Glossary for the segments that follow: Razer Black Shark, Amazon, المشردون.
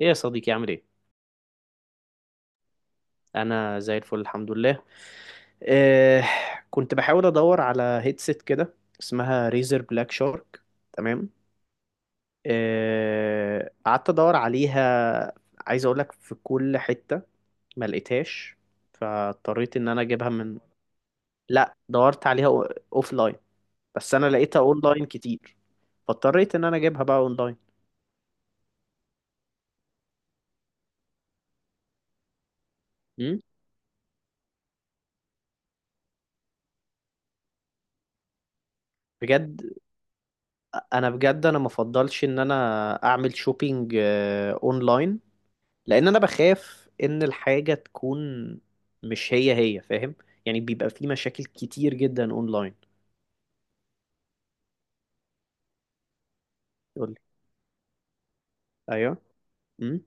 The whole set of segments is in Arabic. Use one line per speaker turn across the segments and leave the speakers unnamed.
ايه يا صديقي، عامل ايه؟ انا زي الفل، الحمد لله. إيه؟ كنت بحاول ادور على هيدسيت كده، اسمها ريزر بلاك شارك. تمام. إيه، قعدت ادور عليها، عايز اقول لك في كل حتة، ما لقيتهاش، فاضطريت ان انا اجيبها من... لا، دورت عليها اوف لاين، بس انا لقيتها اونلاين كتير، فاضطريت ان انا اجيبها بقى اونلاين. أمم. بجد، انا بجد انا مفضلش ان انا اعمل شوبينج اونلاين، لان انا بخاف ان الحاجه تكون مش هي هي، فاهم؟ يعني بيبقى في مشاكل كتير جدا اونلاين. يقول لي. ايوه. امم.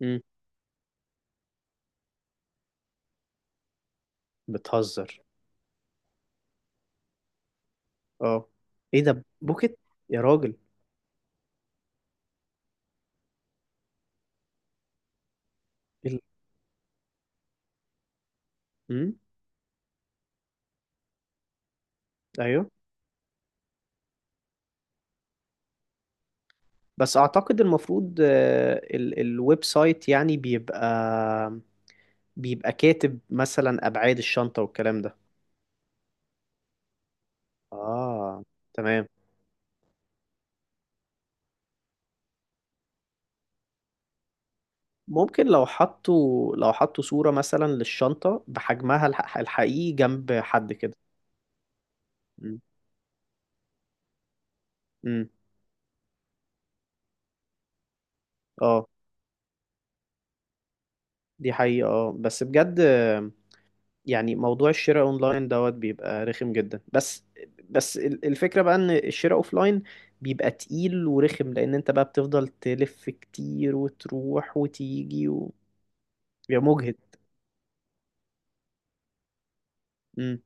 امم. بتهزر. اه. ايه ده، بوكيت يا راجل؟ إيه امم ايوه. بس اعتقد المفروض، الويب سايت يعني بيبقى كاتب مثلا ابعاد الشنطه والكلام ده. اه. تمام. ممكن لو حطوا صورة مثلا للشنطة بحجمها الحقيقي جنب حد كده. مم. مم. اه، دي حقيقة، اه بس بجد، يعني موضوع الشراء اونلاين دوت بيبقى رخم جدا، بس بس الفكرة بقى ان الشراء اوفلاين بيبقى تقيل ورخم، لان انت بقى بتفضل تلف كتير وتروح وتيجي بيبقى مجهد. مم.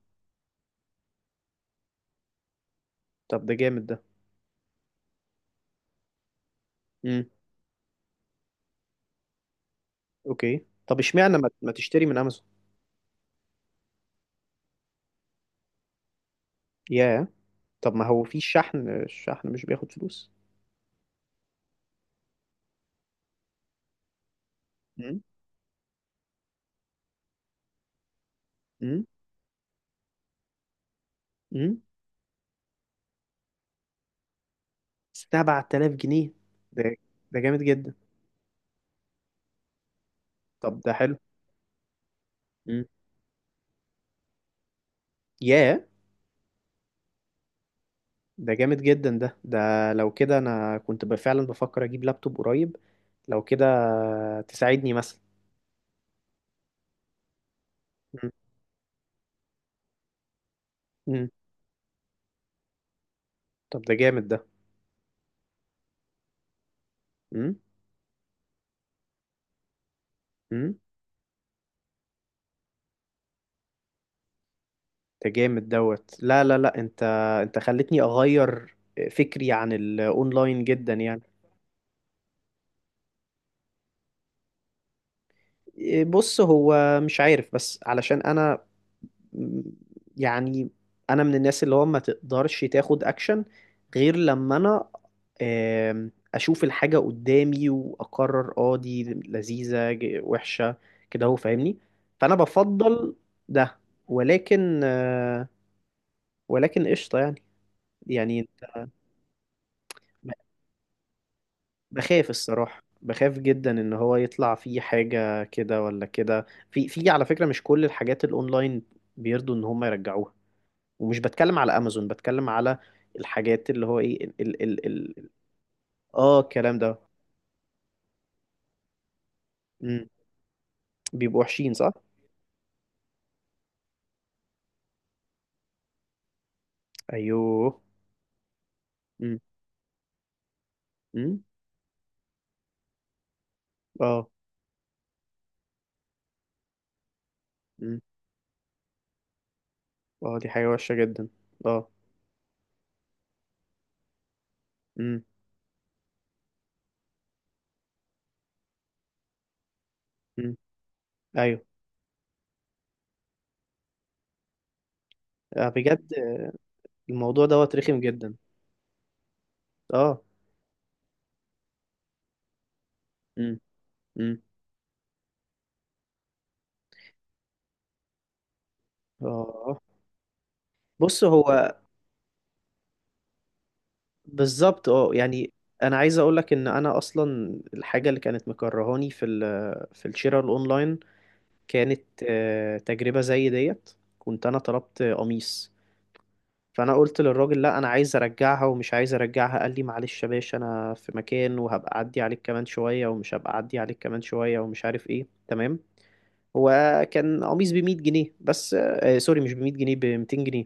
طب ده جامد ده. مم. اوكي. طب اشمعنى ما تشتري من امازون؟ ياه. طب ما هو في شحن، مش بياخد فلوس؟ امم. امم. امم. 7000 جنيه. ده ده جامد جدا. طب ده حلو. امم. ياه. ده جامد جدا، ده. لو كده انا كنت فعلا بفكر اجيب لابتوب قريب. لو كده تساعدني مثلا. مم. مم. طب ده جامد ده. مم. مم. ده جامد دوت، لا، لا، لا، انت خلتني اغير فكري عن الاونلاين جدا، يعني. إيه، بص هو مش عارف، بس علشان انا، يعني انا من الناس اللي هو ما تقدرش تاخد اكشن غير لما انا اشوف الحاجة قدامي واقرر، دي لذيذة وحشة، كده، هو فاهمني. فانا بفضل ده، ولكن آه، ولكن قشطة، يعني بخاف الصراحة، بخاف جدا ان هو يطلع فيه حاجة كده ولا كده، في في على فكرة مش كل الحاجات الاونلاين بيرضوا ان هم يرجعوها، ومش بتكلم على امازون، بتكلم على الحاجات اللي هو ايه، ال ال ال ال اه الكلام ده. مم. بيبقوا وحشين، صح. ايوه. مم. مم. اه. مم. اه، دي حاجة وحشة جدا. اه. مم. مم. ايوه. آه، بجد. الموضوع دوت رخم جدا. اه. مم. مم. اه. بص هو بالظبط، يعني انا عايز اقول لك ان انا اصلا الحاجه اللي كانت مكرهاني في الشراء الاونلاين كانت تجربة زي ديت. كنت أنا طلبت قميص، فأنا قلت للراجل: لا، أنا عايز أرجعها ومش عايز أرجعها. قال لي: معلش يا باشا، أنا في مكان وهبقى أعدي عليك كمان شوية، ومش هبقى أعدي عليك كمان شوية، ومش عارف إيه، تمام. هو كان قميص بمية جنيه بس، آه سوري، مش بمية جنيه، بمتين جنيه،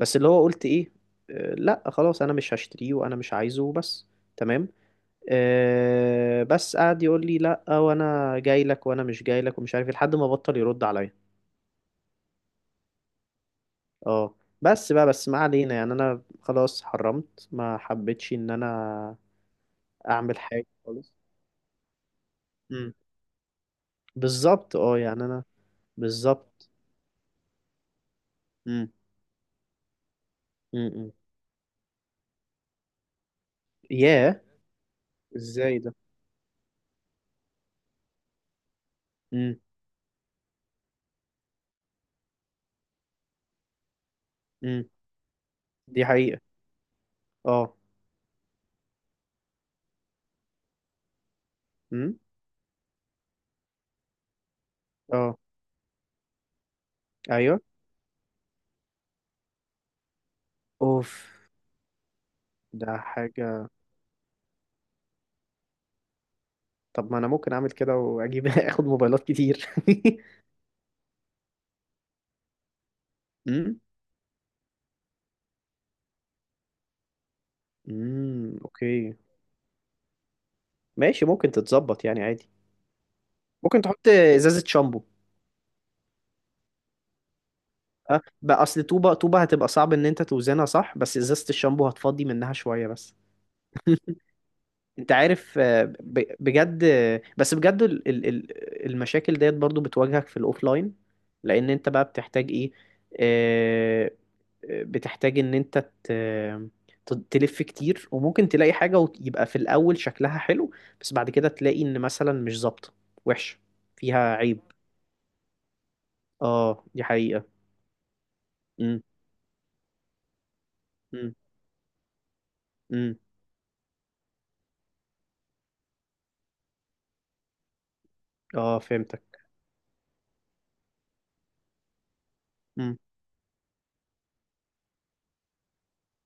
بس اللي هو قلت إيه: آه لا خلاص، أنا مش هشتريه وأنا مش عايزه، بس. تمام. آه، بس قعد يقول لي: لا وانا جاي لك وانا مش جاي لك، ومش عارف إيه، لحد ما بطل يرد عليا. اه بس بقى، بس ما علينا، يعني انا خلاص حرمت، ما حبيتش ان انا اعمل حاجه خالص. امم. بالظبط، يعني انا. بالظبط. امم. امم. ياه. ازاي ده؟ امم. امم. دي حقيقه. اه. امم. اه. ايوه. اوف. ده حاجه. طب ما انا ممكن اعمل كده واجيب اخد موبايلات كتير. امم. امم. اوكي. ماشي، ممكن تتظبط يعني، عادي. ممكن تحط ازازه شامبو. بقى اصل طوبة طوبة هتبقى صعب ان انت توزنها صح، بس ازازة الشامبو هتفضي منها شوية، بس. انت عارف، بجد، بس بجد المشاكل ديت برضو بتواجهك في الاوفلاين، لان انت بقى بتحتاج ايه، آه، بتحتاج ان انت ت- تلف كتير، وممكن تلاقي حاجة ويبقى في الاول شكلها حلو، بس بعد كده تلاقي ان مثلا مش ظابطة، وحشة، فيها عيب. اه، دي حقيقة. امم. امم. امم. اه، فهمتك. امم.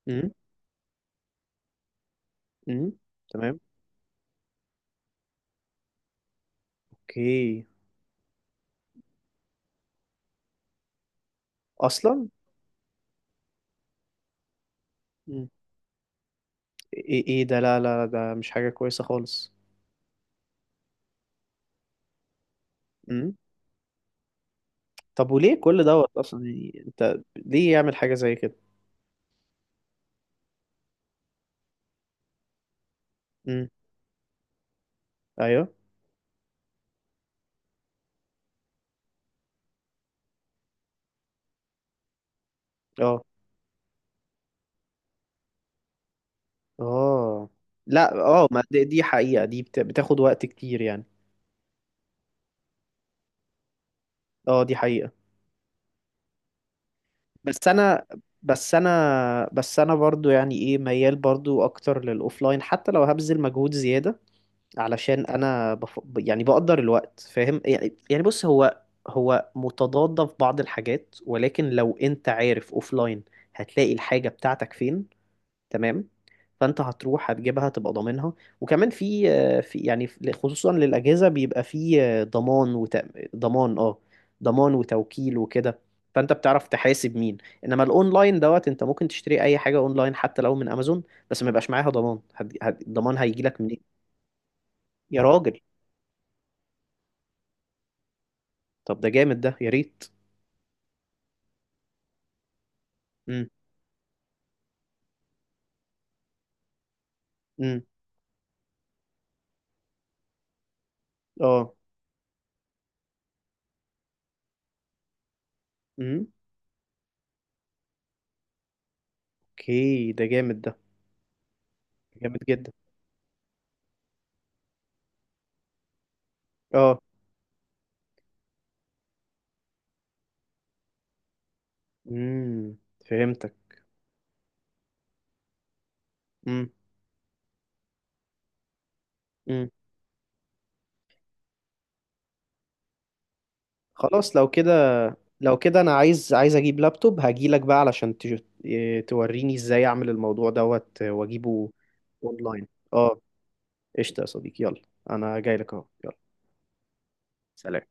إمم. امم. تمام. اوكي. اصلا. مم. ايه، ايه ده، لا، لا، لا، ده مش حاجة كويسة خالص. امم. طب وليه كل دوت اصلا، يعني انت ليه يعمل حاجة زي كده؟ امم. ايوه. اه. اه. لا اه، ما دي حقيقة، دي بتاخد وقت كتير، يعني. اه، دي حقيقة. بس انا بس انا بس انا برضو، يعني ايه، ميال برضو اكتر للاوفلاين حتى لو هبذل مجهود زيادة، علشان انا يعني بقدر الوقت، فاهم يعني بص، هو هو متضاد في بعض الحاجات، ولكن لو انت عارف اوفلاين هتلاقي الحاجة بتاعتك فين، تمام، فانت هتروح هتجيبها، تبقى ضامنها. وكمان في خصوصا للأجهزة، بيبقى في ضمان ضمان، اه، ضمان وتوكيل وكده، فانت بتعرف تحاسب مين. انما الاونلاين دوت، انت ممكن تشتري اي حاجة اونلاين حتى لو من امازون، بس ما يبقاش معاها ضمان، الضمان هيجي لك منين؟ يا راجل. طب ده جامد ده، يا ريت. امم. امم. اه. امم. اوكي. ده جامد ده. جامد جدا. اه. امم. فهمتك. امم. امم. خلاص، لو كده، لو كده انا عايز، اجيب لابتوب، هجيلك بقى علشان تج- إيه، توريني ازاي اعمل الموضوع دوت واجيبه اونلاين، اه. قشطة يا صديقي، يلا، انا جاي لك اهو، يلا. سلام.